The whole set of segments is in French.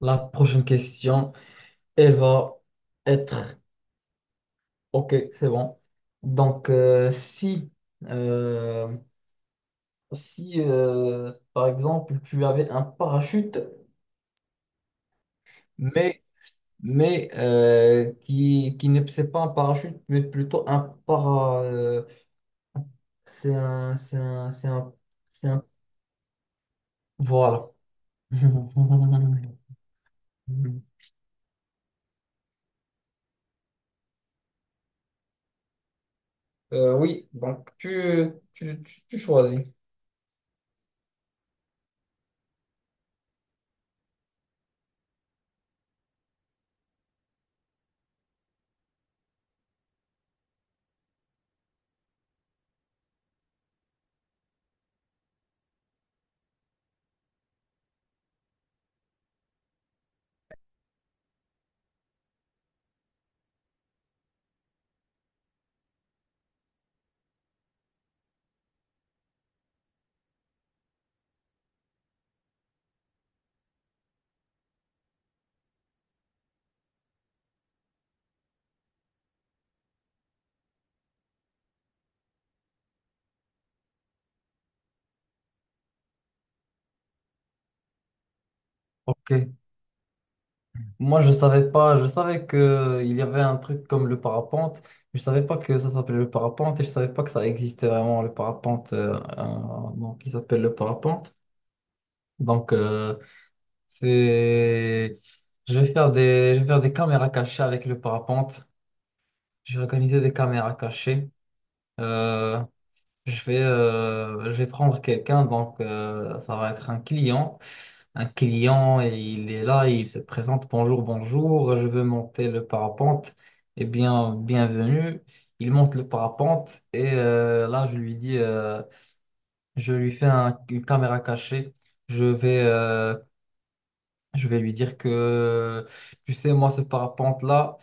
La prochaine question, elle va être... Ok, c'est bon. Donc, euh, si par exemple, tu avais un parachute, mais, mais qui ne c'est pas un parachute, mais plutôt un para... c'est un, c'est un, c'est un, c'est un- Voilà. Oui, donc tu choisis. Ok. Moi, je savais pas, je savais que il y avait un truc comme le parapente, mais je savais pas que ça s'appelait le parapente et je savais pas que ça existait vraiment le parapente donc il s'appelle le parapente. Donc c'est je vais faire des caméras cachées avec le parapente. J'ai organisé des caméras cachées. Euh, je vais, je vais prendre quelqu'un, donc ça va être un client. Un client, et il est là, il se présente, bonjour, bonjour, je veux monter le parapente. Eh bien, bienvenue. Il monte le parapente et là, je lui dis, je lui fais une caméra cachée. Je vais euh, je vais lui dire que, tu sais, moi, ce parapente-là,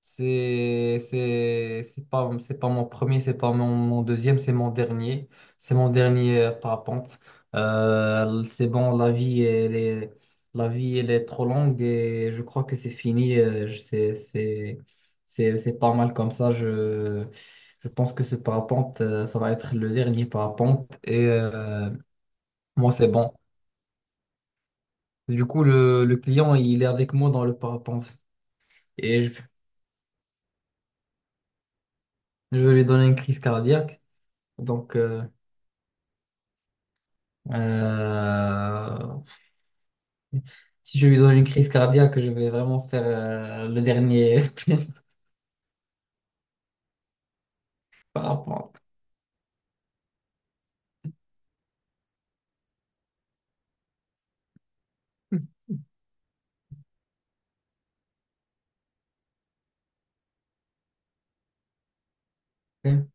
c'est pas mon premier, c'est pas mon deuxième, c'est mon dernier. C'est mon dernier parapente. C'est bon, la vie, elle est trop longue et je crois que c'est fini. C'est pas mal comme ça. Je pense que ce parapente, ça va être le dernier parapente et moi, c'est bon. Du coup, le client, il est avec moi dans le parapente et je vais lui donner une crise cardiaque. Donc, euh, si je lui donne une crise cardiaque, je vais vraiment faire le dernier parapente. Ok,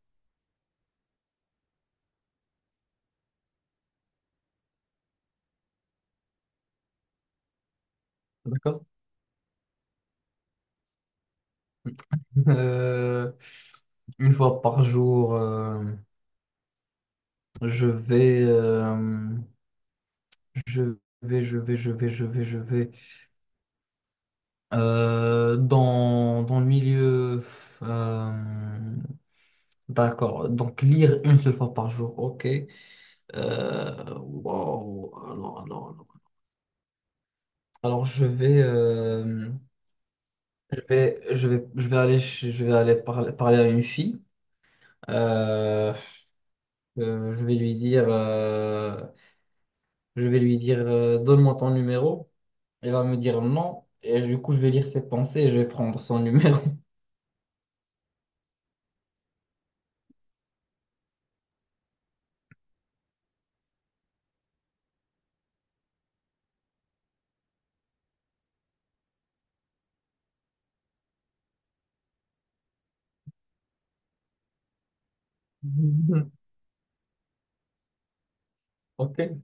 d'accord? Euh, une fois par jour, je vais, je vais, je vais, je vais, je vais, je vais dans, dans le milieu. euh, D'accord. Donc, lire une seule fois par jour. OK. Wow. Alors. Alors, je vais, je vais aller, je vais aller parler, parler à une fille. Euh, euh, je vais lui dire, euh, je vais lui dire, donne-moi ton numéro. Elle va me dire non. Et du coup, je vais lire ses pensées et je vais prendre son numéro. OK.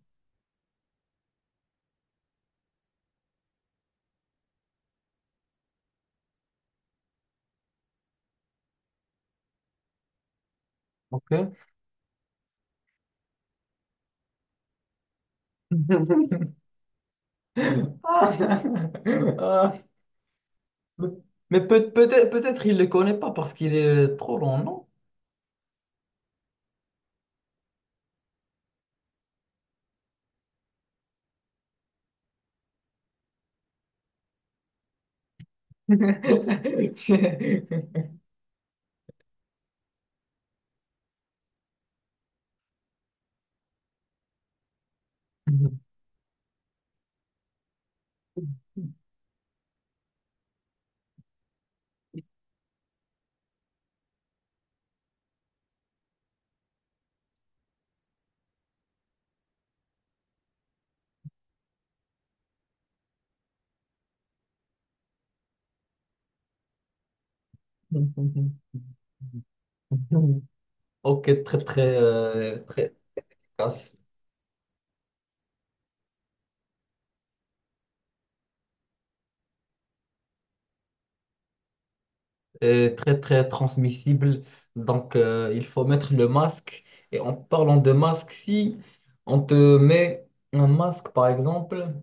OK. Ah. Mais peut-être il ne le connaît pas parce qu'il est trop long, non? Ok, très très très efficace et très très transmissible. Donc il faut mettre le masque. Et en parlant de masque, si on te met un masque par exemple,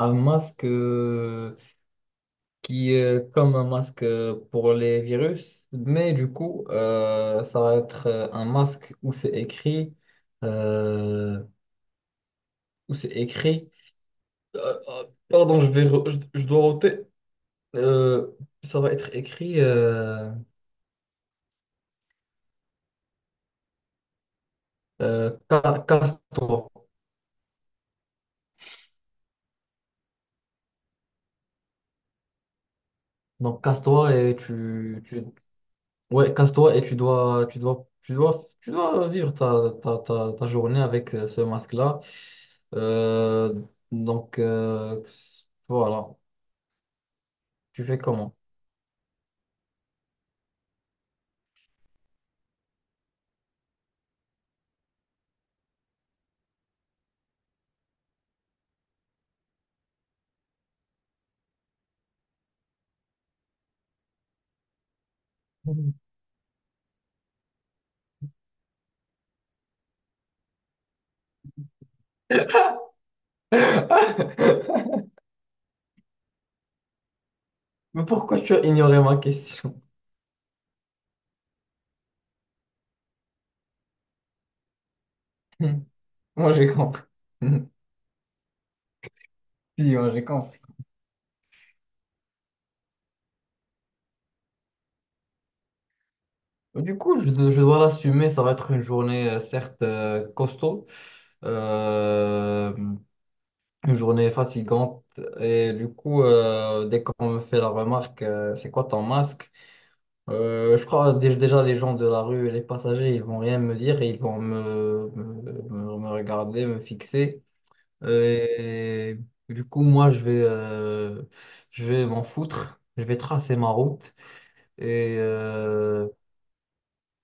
un masque, qui est comme un masque pour les virus, mais du coup, ça va être un masque où c'est écrit, euh, où c'est écrit, pardon, je vais, je dois ôter, euh, ça va être écrit, casse-toi. Donc, casse-toi et tu, ouais, casse-toi et tu dois vivre ta journée avec ce masque-là. Euh, donc, euh, voilà. Tu fais comment? Mhm. Mais pourquoi tu as ignoré ma question? Moi, j'ai compris. Si, moi, j'ai compris. Du coup, je dois l'assumer. Ça va être une journée, certes, costaud. Euh, une journée fatigante. Et du coup, dès qu'on me fait la remarque, c'est quoi ton masque? Je crois déjà les gens de la rue et les passagers, ils vont rien me dire et ils vont me regarder, me fixer. Et du coup, moi, je vais m'en foutre. Je vais tracer ma route. Et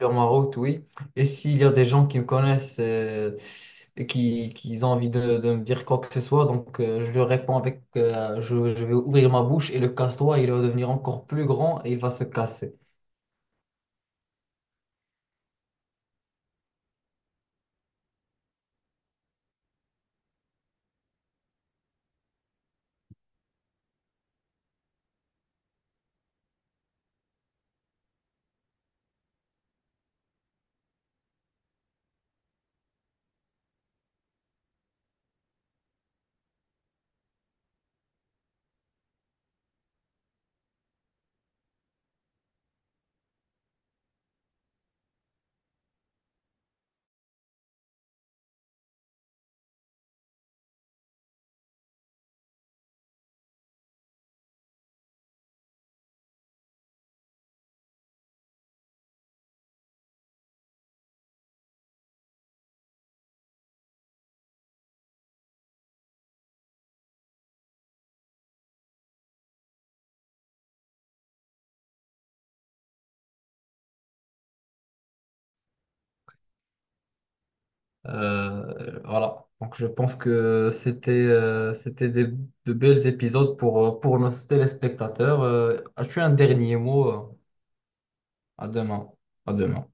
sur ma route, oui. Et s'il y a des gens qui me connaissent et qui ont envie de me dire quoi que ce soit, donc je leur réponds avec je vais ouvrir ma bouche et le casse-toi, il va devenir encore plus grand et il va se casser. Voilà. Donc je pense que c'était de belles épisodes pour nos téléspectateurs. As-tu un dernier mot? À demain. À demain.